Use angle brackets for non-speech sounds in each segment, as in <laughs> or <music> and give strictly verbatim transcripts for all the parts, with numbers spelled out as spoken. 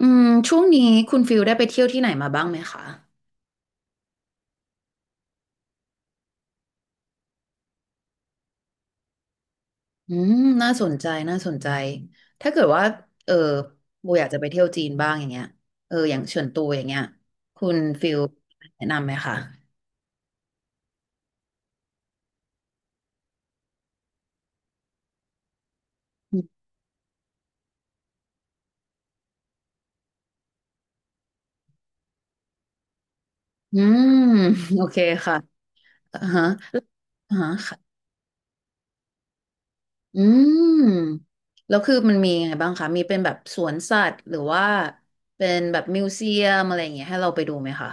อืมช่วงนี้คุณฟิลได้ไปเที่ยวที่ไหนมาบ้างไหมคะอืมน่าสนใจน่าสนใจ ถ้าเกิดว่าเออโบอยากจะไปเที่ยวจีนบ้างอย่างเงี้ยเอออย่างเฉินตูอย่างเงี้ยคุณฟิลแนะนำไหมคะอืมโอเคค่ะอ่าฮะอ่าฮะค่ะอืมแล้วคือมันมียังไงบ้างคะมีเป็นแบบสวนสัตว์หรือว่าเป็นแบบมิวเซียมอะไรอย่างเงี้ยให้เราไปดูไหมคะ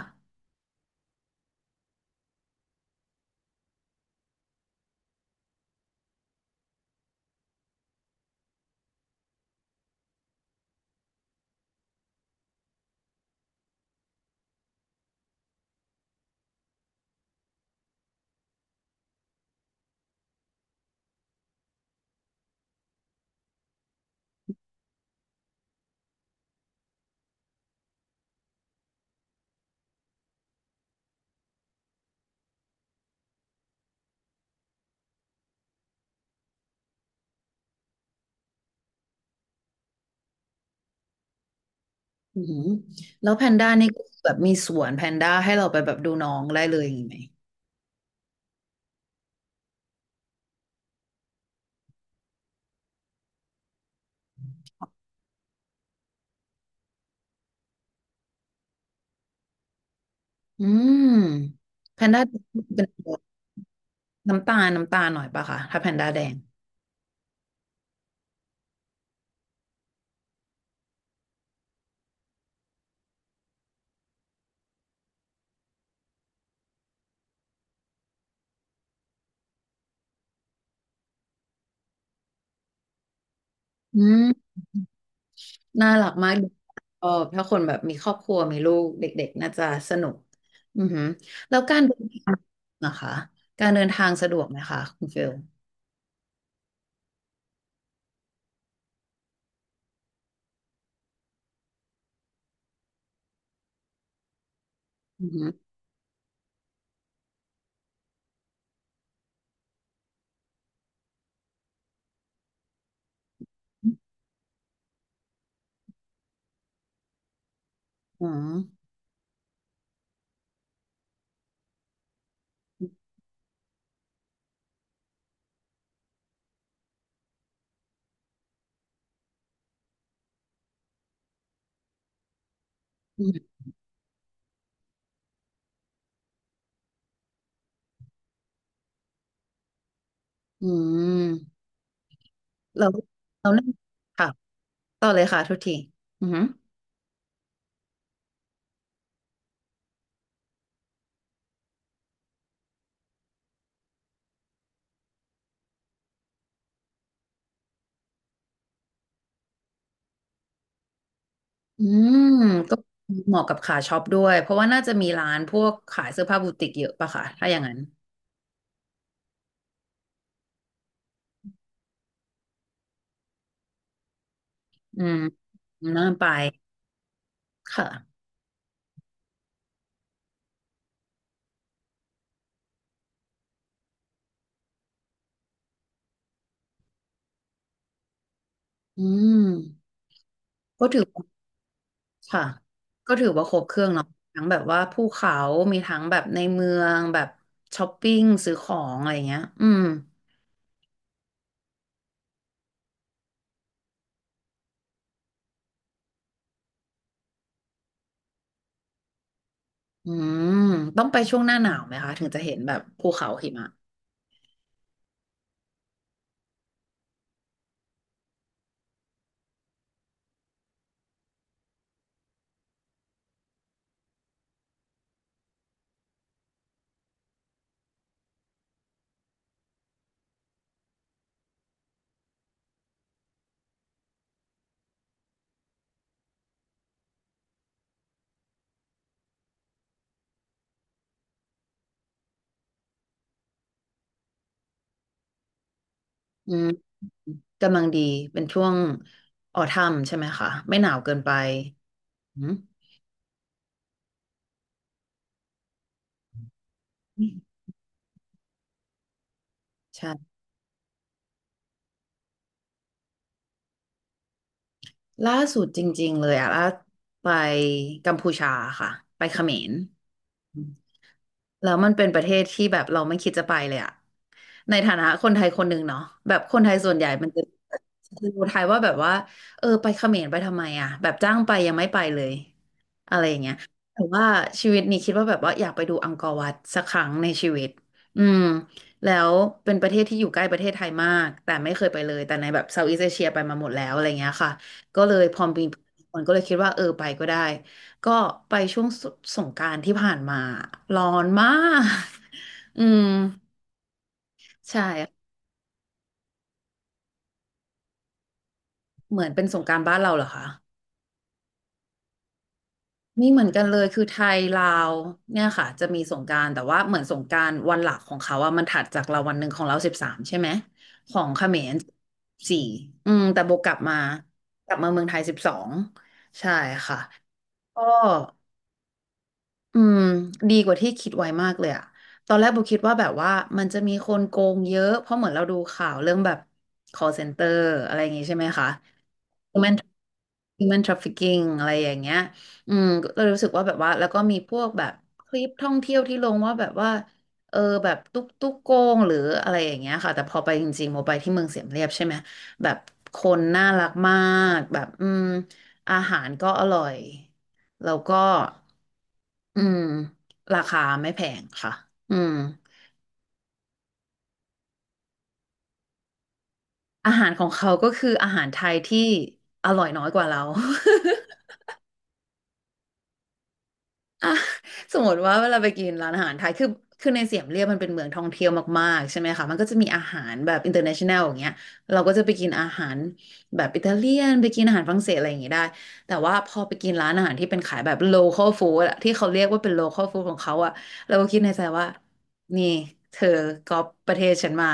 อือหือแล้วแพนด้านี่ก็แบบมีสวนแพนด้าให้เราไปแบบดูน้องได้เลยอย่างนี้ไหมอืมแพนด้าเป็นน้ำตาลน้ำตาลหน่อยปะคะถ้าแพนด้าแดงอืมน่ารักมากชอบถ้าคนแบบมีครอบครัวมีลูกเด็กๆน่าจะสนุกอือหือแล้วการเดินทางนะคะการเดินทางสะดวกไหมคะคุณฟิลอือหืออืมอืมอืมเราเรานั่งค่ะต่อเลยค่ะทุกทีอือหือ อืมก็เหมาะกับขาช็อปด้วยเพราะว่าน่าจะมีร้านพวกขายเสื้อผ้าบูติกเยอะป่ะคะถ้าอย่างนั้นอืมน่าไปค่ะอืมก็ถือว่าค่ะก็ถือว่าครบเครื่องเนาะทั้งแบบว่าภูเขามีทั้งแบบในเมืองแบบช้อปปิ้งซื้อของอะไรเงี้ยอืมอืมต้องไปช่วงหน้าหนาวไหมคะถึงจะเห็นแบบภูเขาหิมะอืมกำลังดีเป็นช่วงออทัมใช่ไหมคะไม่หนาวเกินไปอืมใช่ ล่าสุดจริงๆเลยอะล่าไปกัมพูชาค่ะไปเขมร แล้วมันเป็นประเทศที่แบบเราไม่คิดจะไปเลยอะในฐานะคนไทยคนหนึ่งเนาะแบบคนไทยส่วนใหญ่มันจะดูไทยว่าแบบว่าเออไปเขมรไปทำไมอะแบบจ้างไปยังไม่ไปเลยอะไรอย่างเงี้ยแต่ว่าชีวิตนี้คิดว่าแบบว่าอยากไปดูอังกอร์วัดสักครั้งในชีวิตอืมแล้วเป็นประเทศที่อยู่ใกล้ประเทศไทยมากแต่ไม่เคยไปเลยแต่ในแบบเซาท์อีสเอเชียไปมาหมดแล้วอะไรเงี้ยค่ะก็เลยพอมีมันก็เลยคิดว่าเออไปก็ได้ ก็ไปช่วงสสงกรานต์ที่ผ่านมาร้อนมาก <laughs> อืมใช่เหมือนเป็นสงกรานต์บ้านเราเหรอคะนม่เหมือนกันเลยคือไทยลาวเนี่ยค่ะจะมีสงกรานต์แต่ว่าเหมือนสงกรานต์วันหลักของเขาอะมันถัดจากเราวันหนึ่งของเราสิบสามใช่ไหมของเขมรสี่อืมแต่โบกลับมากลับมาเมืองไทยสิบสองใช่ค่ะก็ อืมดีกว่าที่คิดไว้มากเลยอะตอนแรกโบคิดว่าแบบว่ามันจะมีคนโกงเยอะเพราะเหมือนเราดูข่าวเรื่องแบบ call center อะไรอย่างงี้ใช่ไหมคะ human human trafficking อะไรอย่างเงี้ยอืมเรารู้สึกว่าแบบว่าแล้วก็มีพวกแบบคลิปท่องเที่ยวที่ลงว่าแบบว่าเออแบบตุ๊กตุ๊กโกงหรืออะไรอย่างเงี้ยค่ะแต่พอไปจริงๆโมไปที่เมืองเสียมเรียบใช่ไหมแบบคนน่ารักมากแบบอืมอาหารก็อร่อยแล้วก็ อืมราคาไม่แพงค่ะอืมอาหารของเขาก็คืออาหารไทยที่อร่อยน้อยกว่าเรา <laughs> อ่า สมมติว่าเวลาไปกินร้านอาหารไทยคือคือในเสียมเรียบมันเป็นเมืองท่องเที่ยวมากๆใช่ไหมคะมันก็จะมีอาหารแบบ international อย่างเงี้ยเราก็จะไปกินอาหารแบบอิตาเลียนไปกินอาหารฝรั่งเศสอะไรอย่างงี้ได้แต่ว่าพอไปกินร้านอาหารที่เป็นขายแบบ local food อะที่เขาเรียกว่าเป็น local food ของเขาอะเราก็คิดในใจว่านี่เธอก๊อปประเทศฉันมา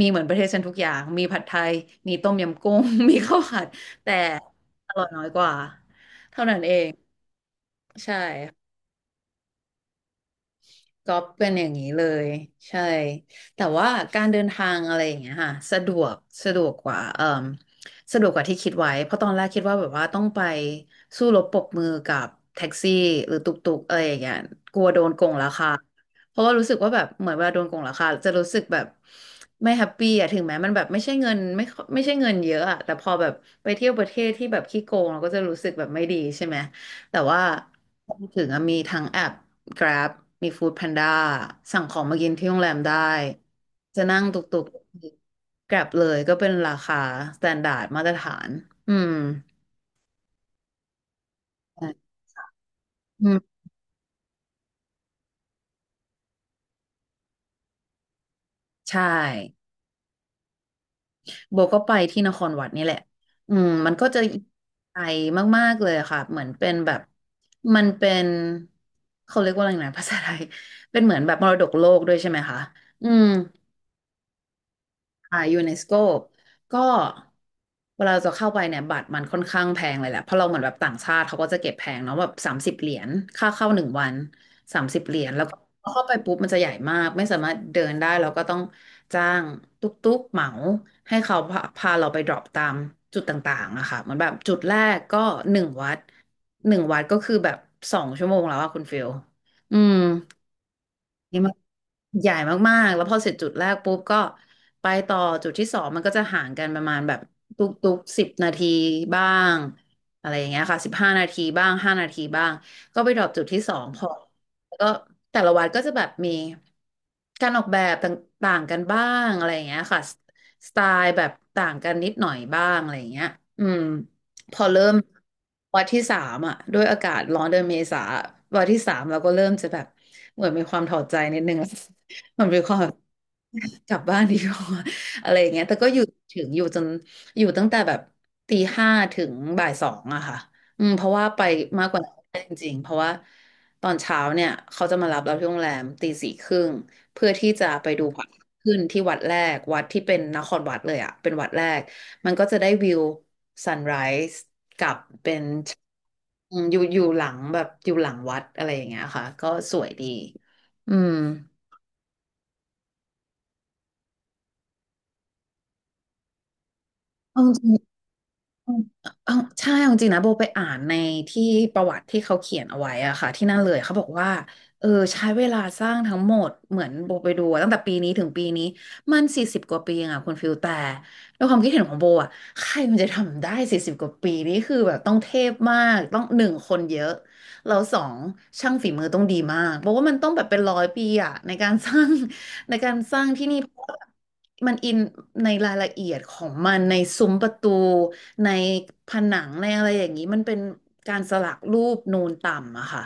มีเหมือนประเทศฉันทุกอย่างมีผัดไทยมีต้มยำกุ้ง <laughs> มีข้าวผัดแต่อร่อยน้อยกว่าเท่านั้นเองใช่ ก็เป็นอย่างนี้เลยใช่แต่ว่าการเดินทางอะไรอย่างเงี้ยค่ะสะดวกสะดวกกว่าเอ่มสะดวกกว่าที่คิดไว้เพราะตอนแรกคิดว่าแบบว่าต้องไปสู้รบปรบมือกับแท็กซี่หรือตุกตุกอะไรอย่างเงี้ยกลัวโดนโกงราคา เพราะว่ารู้สึกว่าแบบเหมือนเวลาโดนโกงราคาจะรู้สึกแบบไม่แฮปปี้อะถึงแม้มันแบบไม่ใช่เงินไม่ค่อยไม่ใช่เงินเยอะอะแต่พอแบบไปเที่ยวประเทศที่แบบขี้โกงเราก็จะรู้สึกแบบไม่ดีใช่ไหมแต่ว่าพอถึงอะมีทั้งแอป Grab มี Food Panda สั่งของมากินที่โรงแรมได้จะนั่งตุกตุก Grab เลยก็เป็นราคา s t ต n d า r d มาตรฐานอืมอืมใช่ โบก็ไปที่นครวัดนี่แหละอืมมันก็จะไกลมากๆเลยอะค่ะ เหมือนเป็นแบบมันเป็นเขาเรียกว่าอะไรนะ <laughs> ภาษาไทยเป็นเหมือนแบบมรดกโลกด้วยใช่ไหมคะอืม อ่ายูเนสโกก็เวลาเราจะเข้าไปเนี่ยบัตรมันค่อนข้างแพงเลยแหละเพราะเราเหมือนแบบต่างชาติเขาก็จะเก็บแพงเนาะแบบสามสิบเหรียญค่าเข้าหนึ่งวันสามสิบเหรียญแล้วก็เข้าไปปุ๊บมันจะใหญ่มากไม่สามารถเดินได้เราก็ต้องจ้างตุ๊กตุ๊กเหมาให้เขาพาพาเราไปดรอปตามจุดต่างๆอะค่ะเหมือนแบบจุดแรกก็หนึ่งวัดหนึ่งวัดก็คือแบบสองชั่วโมงแล้วอะคุณฟิลอืม ใหญ่มากๆแล้วพอเสร็จจุดแรกปุ๊บก็ไปต่อจุดที่สองมันก็จะห่างกันประมาณแบบทุกๆกสิบนาทีบ้างอะไรอย่างเงี้ยค่ะสิบห้านาทีบ้างห้านาทีบ้างก็ไปดรอปจุดที่สองพอแล้วก็แต่ละวัดก็จะแบบมีการออกแบบต่างๆกันบ้างอะไรอย่างเงี้ยค่ะสไตล์แบบต่างกันนิดหน่อยบ้างอะไรอย่างเงี้ยอืมพอเริ่มวันที่สามอ่ะด้วยอากาศร้อนเดือนเมษาวันที่สามเราก็เริ่มจะแบบเหมือนมีความถอดใจนิดนึง ผมัน <laughs> ความแบบกลับบ้านดีกว่า <laughs> อะไรอย่างเงี้ยแต่ก็อยู่ถึงอยู่จนอยู่ตั้งแต่แบบตีห้าถึงบ่ายสองอะค่ะอืมเพราะว่าไปมากกว่านั้นไม่ได้จริงๆเพราะว่าตอนเช้าเนี่ยเขาจะมารับเราที่โรงแรมตีสี่ครึ่งเพื่อที่จะไปดูพระอาทิตย์ขึ้นที่วัดแรกวัดที่เป็นนครวัดเลยอะเป็นวัดแรกมันก็จะได้วิวซันไรส์กับเป็นอืมอยู่อยู่หลังแบบอยู่หลังวัดอะไรอย่างเงี้ยค่ะก็สวยดีอืมเอาจริง เอาเอาใช่เอาจริงนะโบไปอ่านในที่ประวัติที่เขาเขียนเอาไว้อะค่ะที่นั่นเลยเขาบอกว่าเออใช้เวลาสร้างทั้งหมดเหมือนโบไปดูอะตั้งแต่ปีนี้ถึงปีนี้มันสี่สิบกว่าปีเองอะคุณฟิลแต่ด้วยความคิดเห็นของโบอะใครมันจะทำได้สี่สิบกว่าปีนี่คือแบบต้องเทพมากต้องหนึ่งคนเยอะ เราสองช่างฝีมือต้องดีมากเพราะว่ามันต้องแบบเป็นร้อยปีอะในการสร้าง <laughs> ในการสร้างที่นี่เพราะว่ามันอินในรายละเอียดของมันในซุ้มประตูในผนังในอะไรอย่างนี้มันเป็นการสลักรูปนูนต่ำอะค่ะ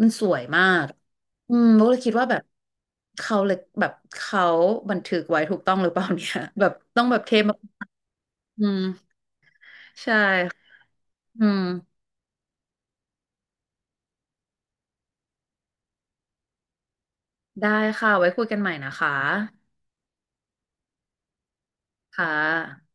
มันสวยมากอืมโบเลยคิดว่าแบบเขาเลยแบบเขาบันทึกไว้ถูกต้องหรือเปล่าเนี่ย <laughs> แบบต้องแบบเทมากอืมใช่อืมได้ค่ะไว้คุยกันใหม่นะคะค่ะ